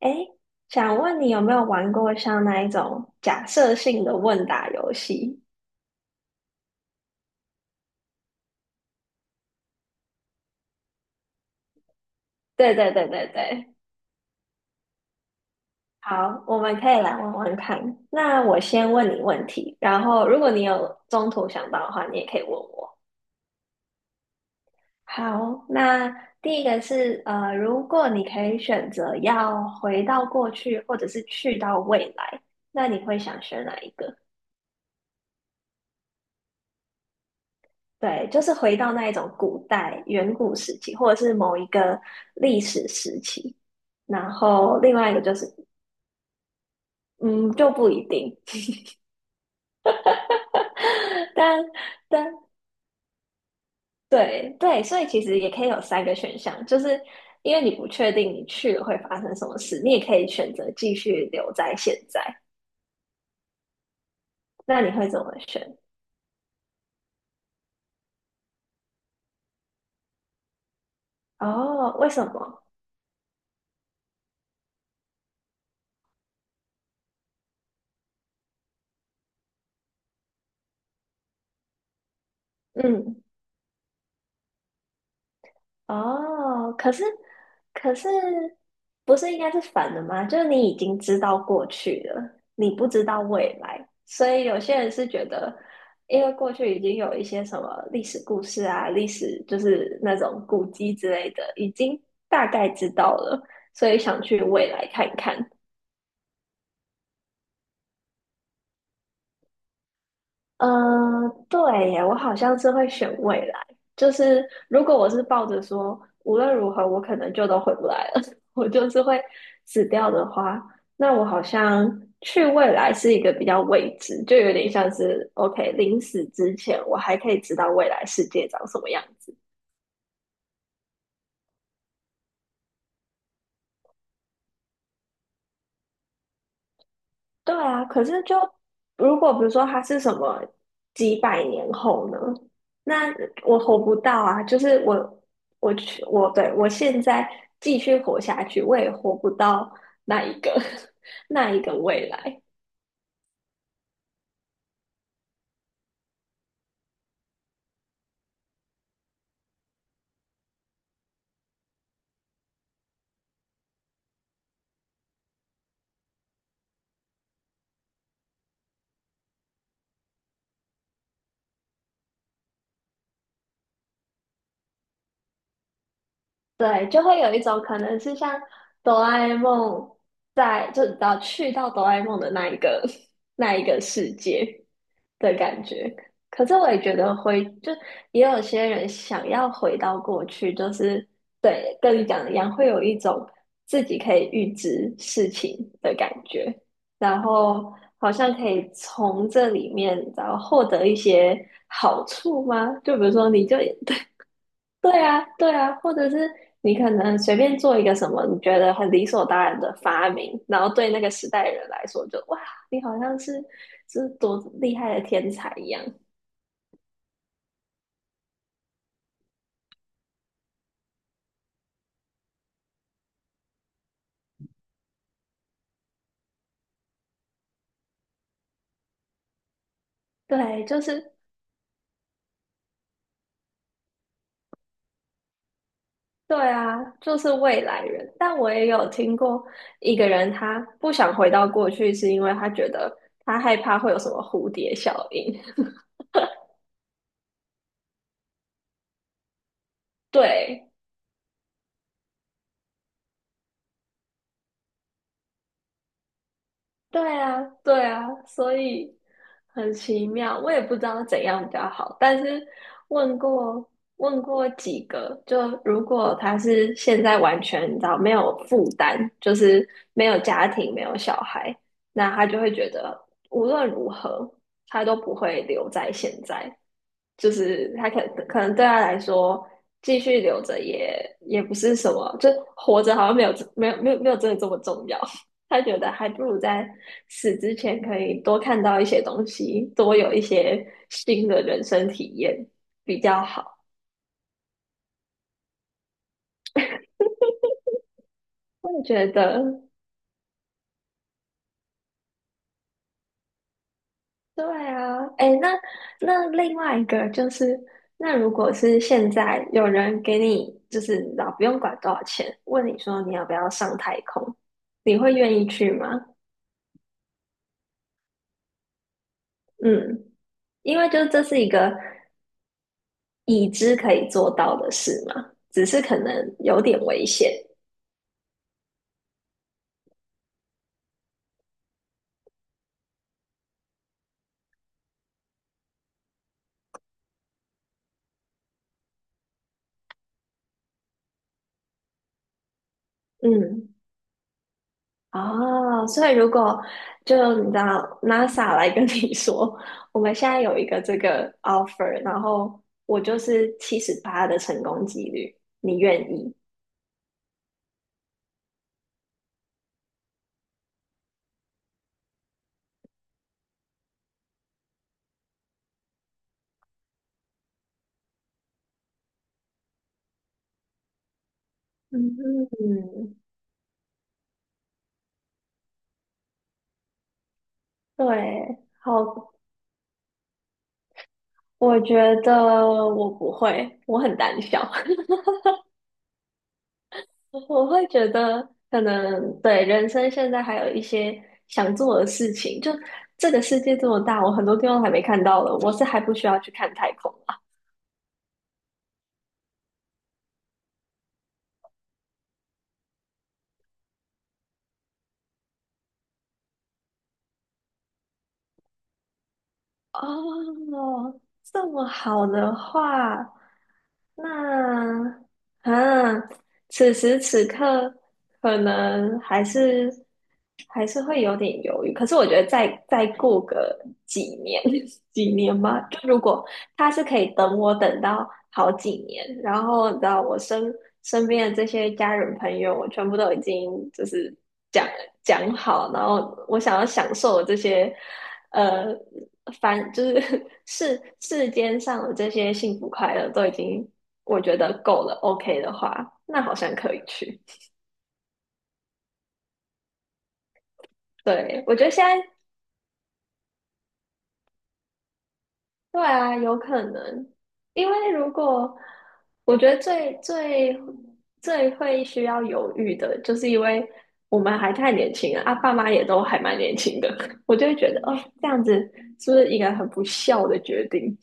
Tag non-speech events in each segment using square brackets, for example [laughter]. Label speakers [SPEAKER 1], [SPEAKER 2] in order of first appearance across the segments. [SPEAKER 1] 哎，想问你有没有玩过像那一种假设性的问答游戏？对对对对对，好，我们可以来玩玩看。那我先问你问题，然后如果你有中途想到的话，你也可以问我。好，那第一个是如果你可以选择要回到过去或者是去到未来，那你会想选哪一个？对，就是回到那一种古代远古时期，或者是某一个历史时期。然后另外一个就是，嗯，就不一定。[laughs] 但但对对，所以其实也可以有三个选项，就是因为你不确定你去了会发生什么事，你也可以选择继续留在现在。那你会怎么选？哦，为什么？嗯哦，可是不是应该是反的吗？就是你已经知道过去了，你不知道未来，所以有些人是觉得，因为过去已经有一些什么历史故事啊、历史就是那种古迹之类的，已经大概知道了，所以想去未来看一看。嗯，对耶，我好像是会选未来。就是如果我是抱着说无论如何我可能就都回不来了，[laughs] 我就是会死掉的话，那我好像去未来是一个比较未知，就有点像是 OK，临死之前我还可以知道未来世界长什么样子。对啊，可是就如果比如说他是什么几百年后呢？那我活不到啊！就是我，我去，我对我现在继续活下去，我也活不到那一个 [laughs] 那一个未来。对，就会有一种可能是像哆啦 A 梦在，就你知道去到哆啦 A 梦的那一个 [laughs] 那一个世界的感觉。可是我也觉得回，就也有些人想要回到过去，就是对，跟你讲的一样，会有一种自己可以预知事情的感觉，然后好像可以从这里面然后获得一些好处吗？就比如说，你就 [laughs] 对啊，对啊，或者是你可能随便做一个什么你觉得很理所当然的发明，然后对那个时代的人来说就，哇，你好像是多厉害的天才一样。对，就是对啊，就是未来人。但我也有听过一个人，他不想回到过去，是因为他觉得他害怕会有什么蝴蝶效应。[laughs] 对，对啊，对啊，所以很奇妙，我也不知道怎样比较好。但是问过问过几个，就如果他是现在完全你知道没有负担，就是没有家庭、没有小孩，那他就会觉得无论如何他都不会留在现在。就是他可能对他来说，继续留着也不是什么，就活着好像没有真的这么重要。[laughs] 他觉得还不如在死之前可以多看到一些东西，多有一些新的人生体验比较好。我也觉得，对啊，哎，那另外一个就是，那如果是现在有人给你就是老不用管多少钱，问你说你要不要上太空，你会愿意去吗？嗯。因为就是这是一个已知可以做到的事嘛，只是可能有点危险。嗯，哦，所以如果就你知道 NASA 来跟你说，我们现在有一个这个 offer，然后我就是78的成功几率，你愿意？嗯嗯，对，好，我觉得我不会，我很胆小。我会觉得，可能对人生现在还有一些想做的事情。就这个世界这么大，我很多地方还没看到的，我是还不需要去看太空啊。哦，这么好的话，那啊，此时此刻可能还是会有点犹豫。可是我觉得再过个几年，[laughs] 几年吧，就如果他是可以等我等到好几年，然后你知道我身边的这些家人朋友，我全部都已经就是讲讲好，然后我想要享受这些呃凡就是 [laughs] 世间上的这些幸福快乐都已经我觉得够了，OK 的话，那好像可以去。对，我觉得现在对啊，有可能，因为如果我觉得最会需要犹豫的，就是因为我们还太年轻了啊，爸妈也都还蛮年轻的，[laughs] 我就会觉得哦，这样子是不是一个很不孝的决定？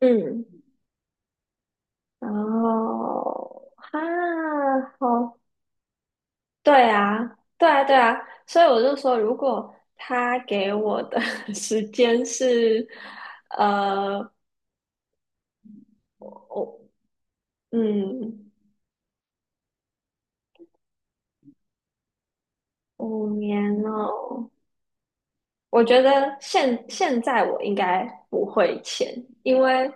[SPEAKER 1] 嗯，然后哈，好，对啊，对啊，对啊，所以我就说，如果他给我的 [laughs] 时间是，呃，我嗯。五年哦，我觉得现在我应该不会签，因为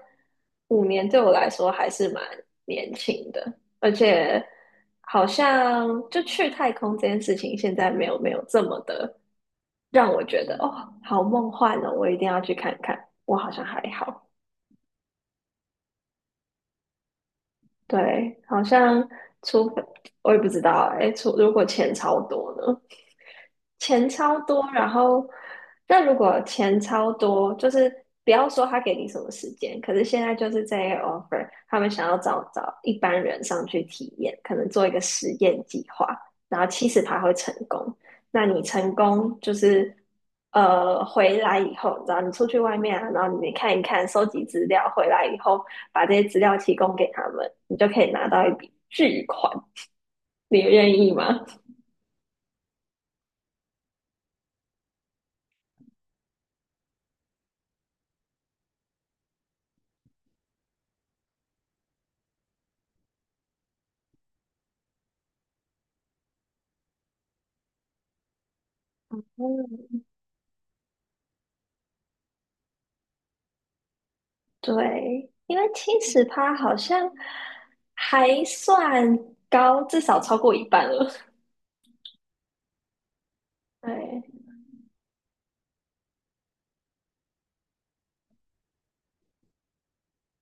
[SPEAKER 1] 五年对我来说还是蛮年轻的，而且好像就去太空这件事情，现在没有这么的让我觉得哦，好梦幻哦，我一定要去看看。我好像还好，对，好像除非我也不知道哎，除如果钱超多呢？钱超多，然后那如果钱超多，就是不要说他给你什么时间，可是现在就是这个 offer,他们想要找一般人上去体验，可能做一个实验计划，然后其实他会成功，那你成功就是回来以后，然后你出去外面啊，然后你看一看，收集资料，回来以后把这些资料提供给他们，你就可以拿到一笔巨款，你愿意吗？[laughs] 对，因为70%好像还算高，至少超过一半了。对，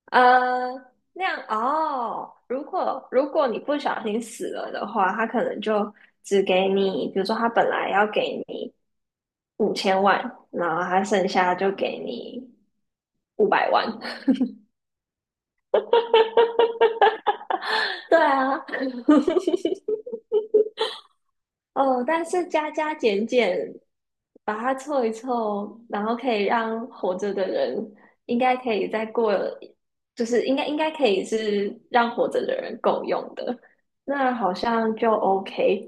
[SPEAKER 1] 呃，那样哦。如果你不小心死了的话，他可能就只给你，比如说他本来要给你5000万，然后他剩下就给你500万。[laughs] 对啊，哦，但是加加减减，把它凑一凑，然后可以让活着的人应该可以再过，就是应该可以是让活着的人够用的，那好像就 OK。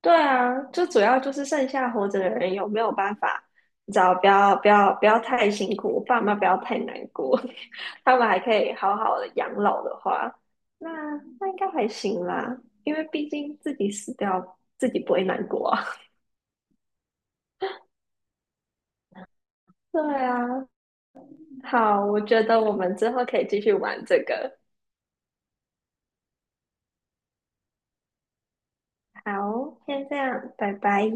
[SPEAKER 1] 对啊，就主要就是剩下活着的人有没有办法，你知道，不要不要不要太辛苦，我爸妈不要太难过，[laughs] 他们还可以好好的养老的话，那那应该还行啦，因为毕竟自己死掉，自己不会难过啊。[laughs] 对啊，好，我觉得我们之后可以继续玩这个。好，先这样，拜拜。